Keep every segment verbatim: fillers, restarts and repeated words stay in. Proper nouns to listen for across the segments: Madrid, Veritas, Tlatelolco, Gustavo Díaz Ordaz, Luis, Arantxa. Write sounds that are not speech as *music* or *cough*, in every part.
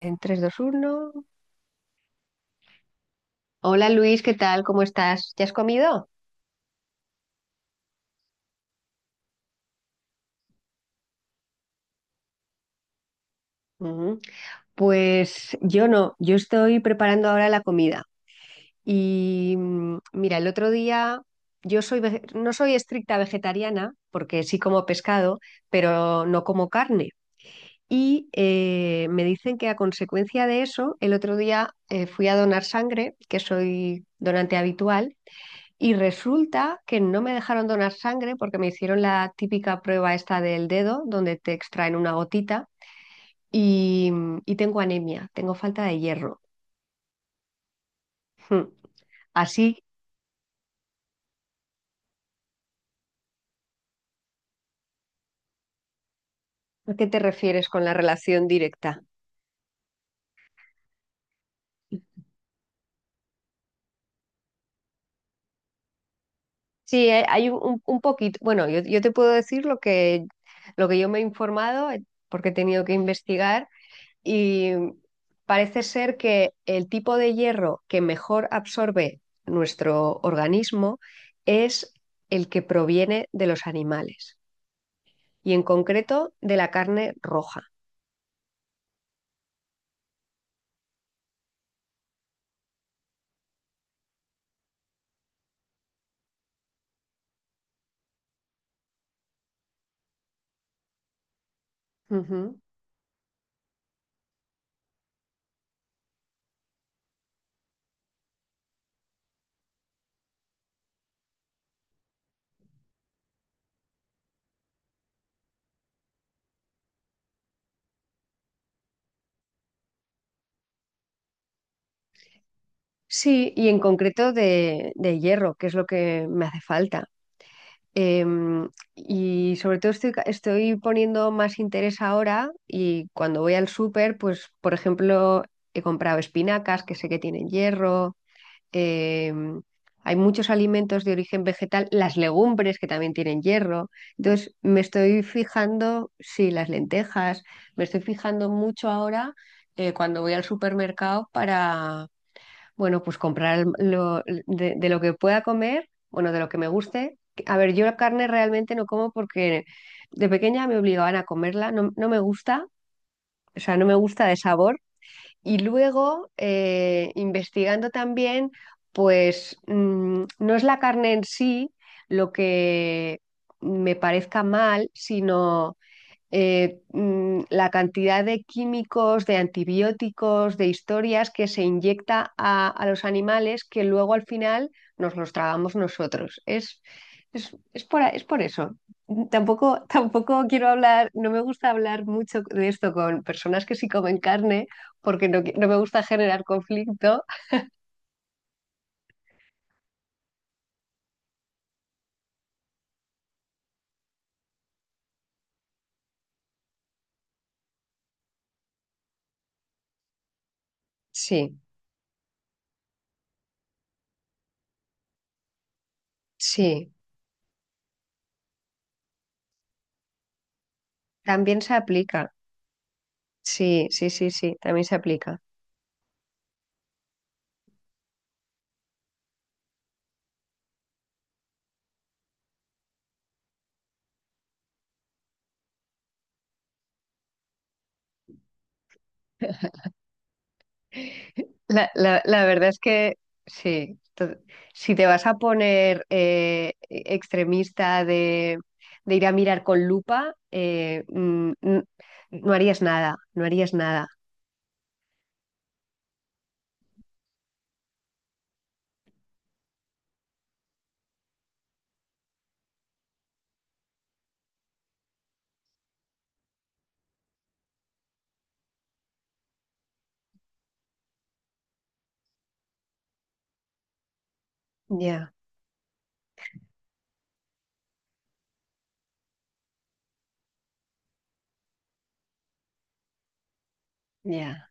En tres, dos, uno. Hola Luis, ¿qué tal? ¿Cómo estás? ¿Ya has comido? Ujú. Pues yo no, yo estoy preparando ahora la comida. Y mm, mira, el otro día yo soy vege- no soy estricta vegetariana porque sí como pescado, pero no como carne. Y eh, me dicen que a consecuencia de eso, el otro día eh, fui a donar sangre, que soy donante habitual, y resulta que no me dejaron donar sangre porque me hicieron la típica prueba esta del dedo, donde te extraen una gotita y, mm, y tengo anemia, tengo falta de hierro. Hmm. Así, ¿a qué te refieres con la relación directa? Sí, eh, hay un, un- un poquito. Bueno, yo, yo te puedo decir lo que, lo que yo me he informado eh, porque he tenido que investigar, y parece ser que el tipo de hierro que mejor absorbe nuestro organismo es el que proviene de los animales y en concreto de la carne roja. Ujú. Sí, y en concreto de, de hierro, que es lo que me hace falta. Em, y sobre todo estoy, ca- estoy poniendo más interés ahora, y cuando voy al súper, pues por ejemplo, he comprado espinacas que sé que tienen hierro. eh, Hay muchos alimentos de origen vegetal, las legumbres que también tienen hierro. Entonces, me estoy fijando, sí, las lentejas, me estoy fijando mucho ahora eh, cuando voy al supermercado para, bueno, pues comprar lo- de, de lo que pueda comer, bueno, de lo que me guste. A ver, yo la carne realmente no como porque de pequeña me obligaban a comerla, no, no me gusta, o sea, no me gusta de sabor. Y luego, eh, investigando también, pues mm, no es la carne en sí lo que me parezca mal, sino eh, mm, la cantidad de químicos, de antibióticos, de historias que se inyecta a, a los animales, que luego al final nos los tragamos nosotros. Es, es, es por, a- es por eso. Mm, Tampoco *laughs* tampoco quiero hablar, no me gusta hablar mucho de esto con personas que sí comen carne, porque no, qui- no me gusta generar conflicto. Sí, sí, también se aplica. Sí, sí, sí, sí, también se aplica. La, la- la verdad es que sí. To- Si te vas a poner eh, extremista de, de ir a mirar con lupa, eh, mm, n- no harías nada, no harías nada. Ya, ya,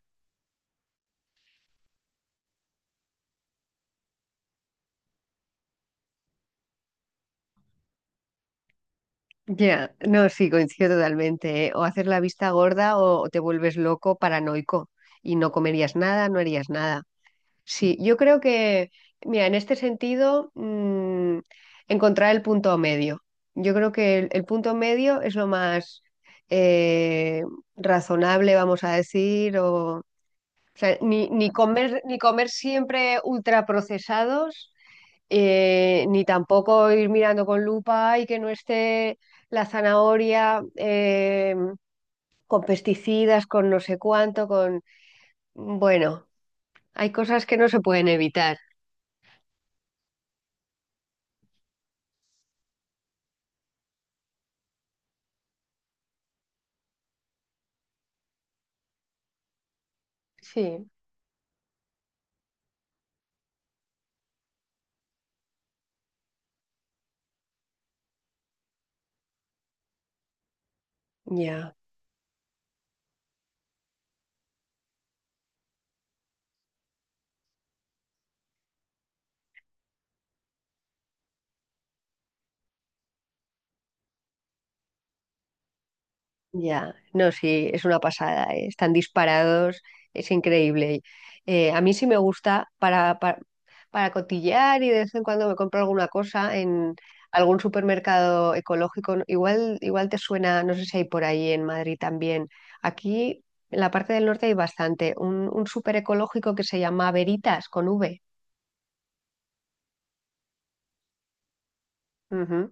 ya. No, sí, coincido totalmente, ¿eh? O haces la vista gorda o te vuelves loco, paranoico, y no comerías nada, no harías nada. Sí, yo creo que, mira, en este sentido, mm, encontrar el punto medio. Yo creo que el, el punto medio es lo más eh, razonable, vamos a decir, o, o sea, ni, ni comer, ni comer siempre ultraprocesados, eh, ni tampoco ir mirando con lupa y que no esté la zanahoria eh, con pesticidas, con no sé cuánto, con... Bueno, hay cosas que no se pueden evitar. Sí. Ya, ya. No, sí, es una pasada, ¿eh? Están disparados, es increíble. Eh, a mí sí me gusta para, para, para cotillear, y de vez en cuando me compro alguna cosa en algún supermercado ecológico, ¿no? Igual, igual te suena, no sé si hay por ahí en Madrid también. Aquí en la parte del norte hay bastante. Un, un súper ecológico que se llama Veritas con V. Ujú.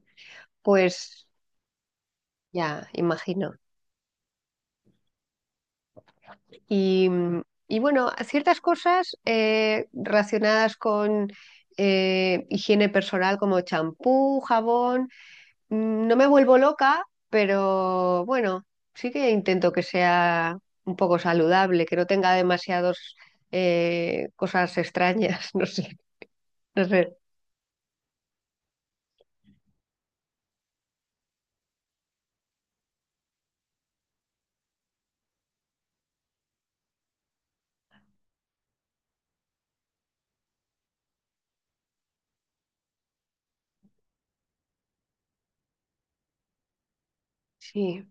Pues ya, imagino. Y, mm, y bueno, ciertas cosas eh, relacionadas con eh, higiene personal, como champú, jabón, mm, no me vuelvo loca, pero bueno, sí que intento que sea un poco saludable, que no tenga demasiadas cosas extrañas, *laughs* no sé, no sé. Sí,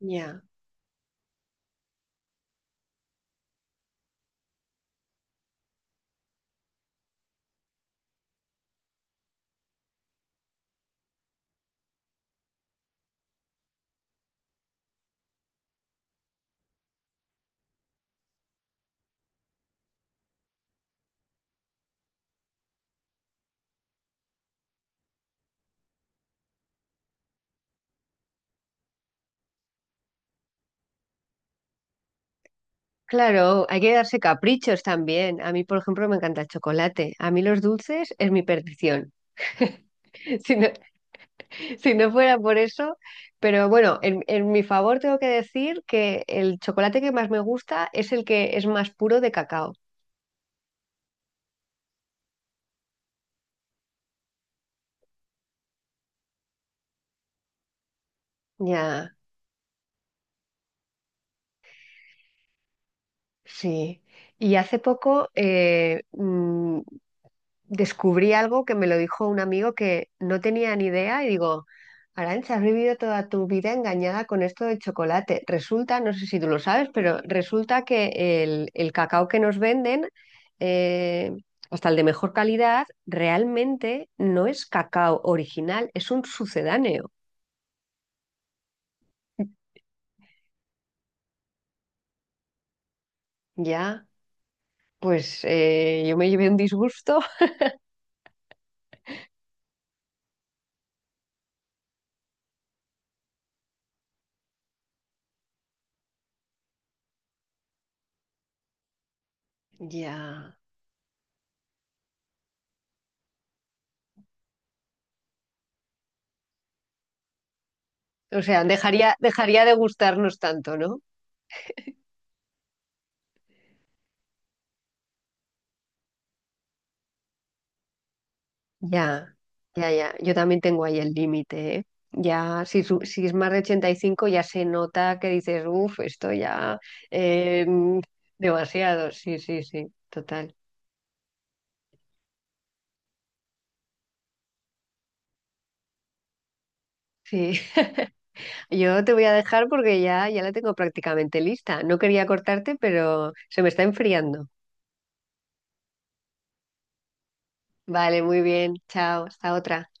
ya. Claro, hay que darse caprichos también. A mí, por ejemplo, me encanta el chocolate. A mí los dulces es mi perdición. *laughs* Si no- *laughs* Si no fuera por eso, pero bueno, en, en mi favor tengo que decir que el chocolate que más me gusta es el que es más puro de cacao. Ya, sí. Y hace poco, eh, mm, descubrí algo que me lo dijo un amigo que no tenía ni idea, y digo, Arantxa, has vivido toda tu vida engañada con esto del chocolate. Resulta, no sé si tú lo sabes, pero resulta que el, el cacao que nos venden, eh, hasta el de mejor calidad, realmente no es cacao original, es un sucedáneo. Ya, pues eh, yo me llevé un disgusto. *laughs* Ya. O sea, dejaría, dejaría de gustarnos tanto, ¿no? Ya, ya, ya. Yo también tengo ahí el límite, ¿eh? Ya, si, su- si es más de ochenta y cinco, ya se nota que dices, uff, esto ya eh, mm, demasiado. Sí, sí, sí, total. Sí, *laughs* yo te voy a dejar porque ya, ya la tengo prácticamente lista. No quería cortarte, pero se me está enfriando. Vale, muy bien. Chao, hasta otra.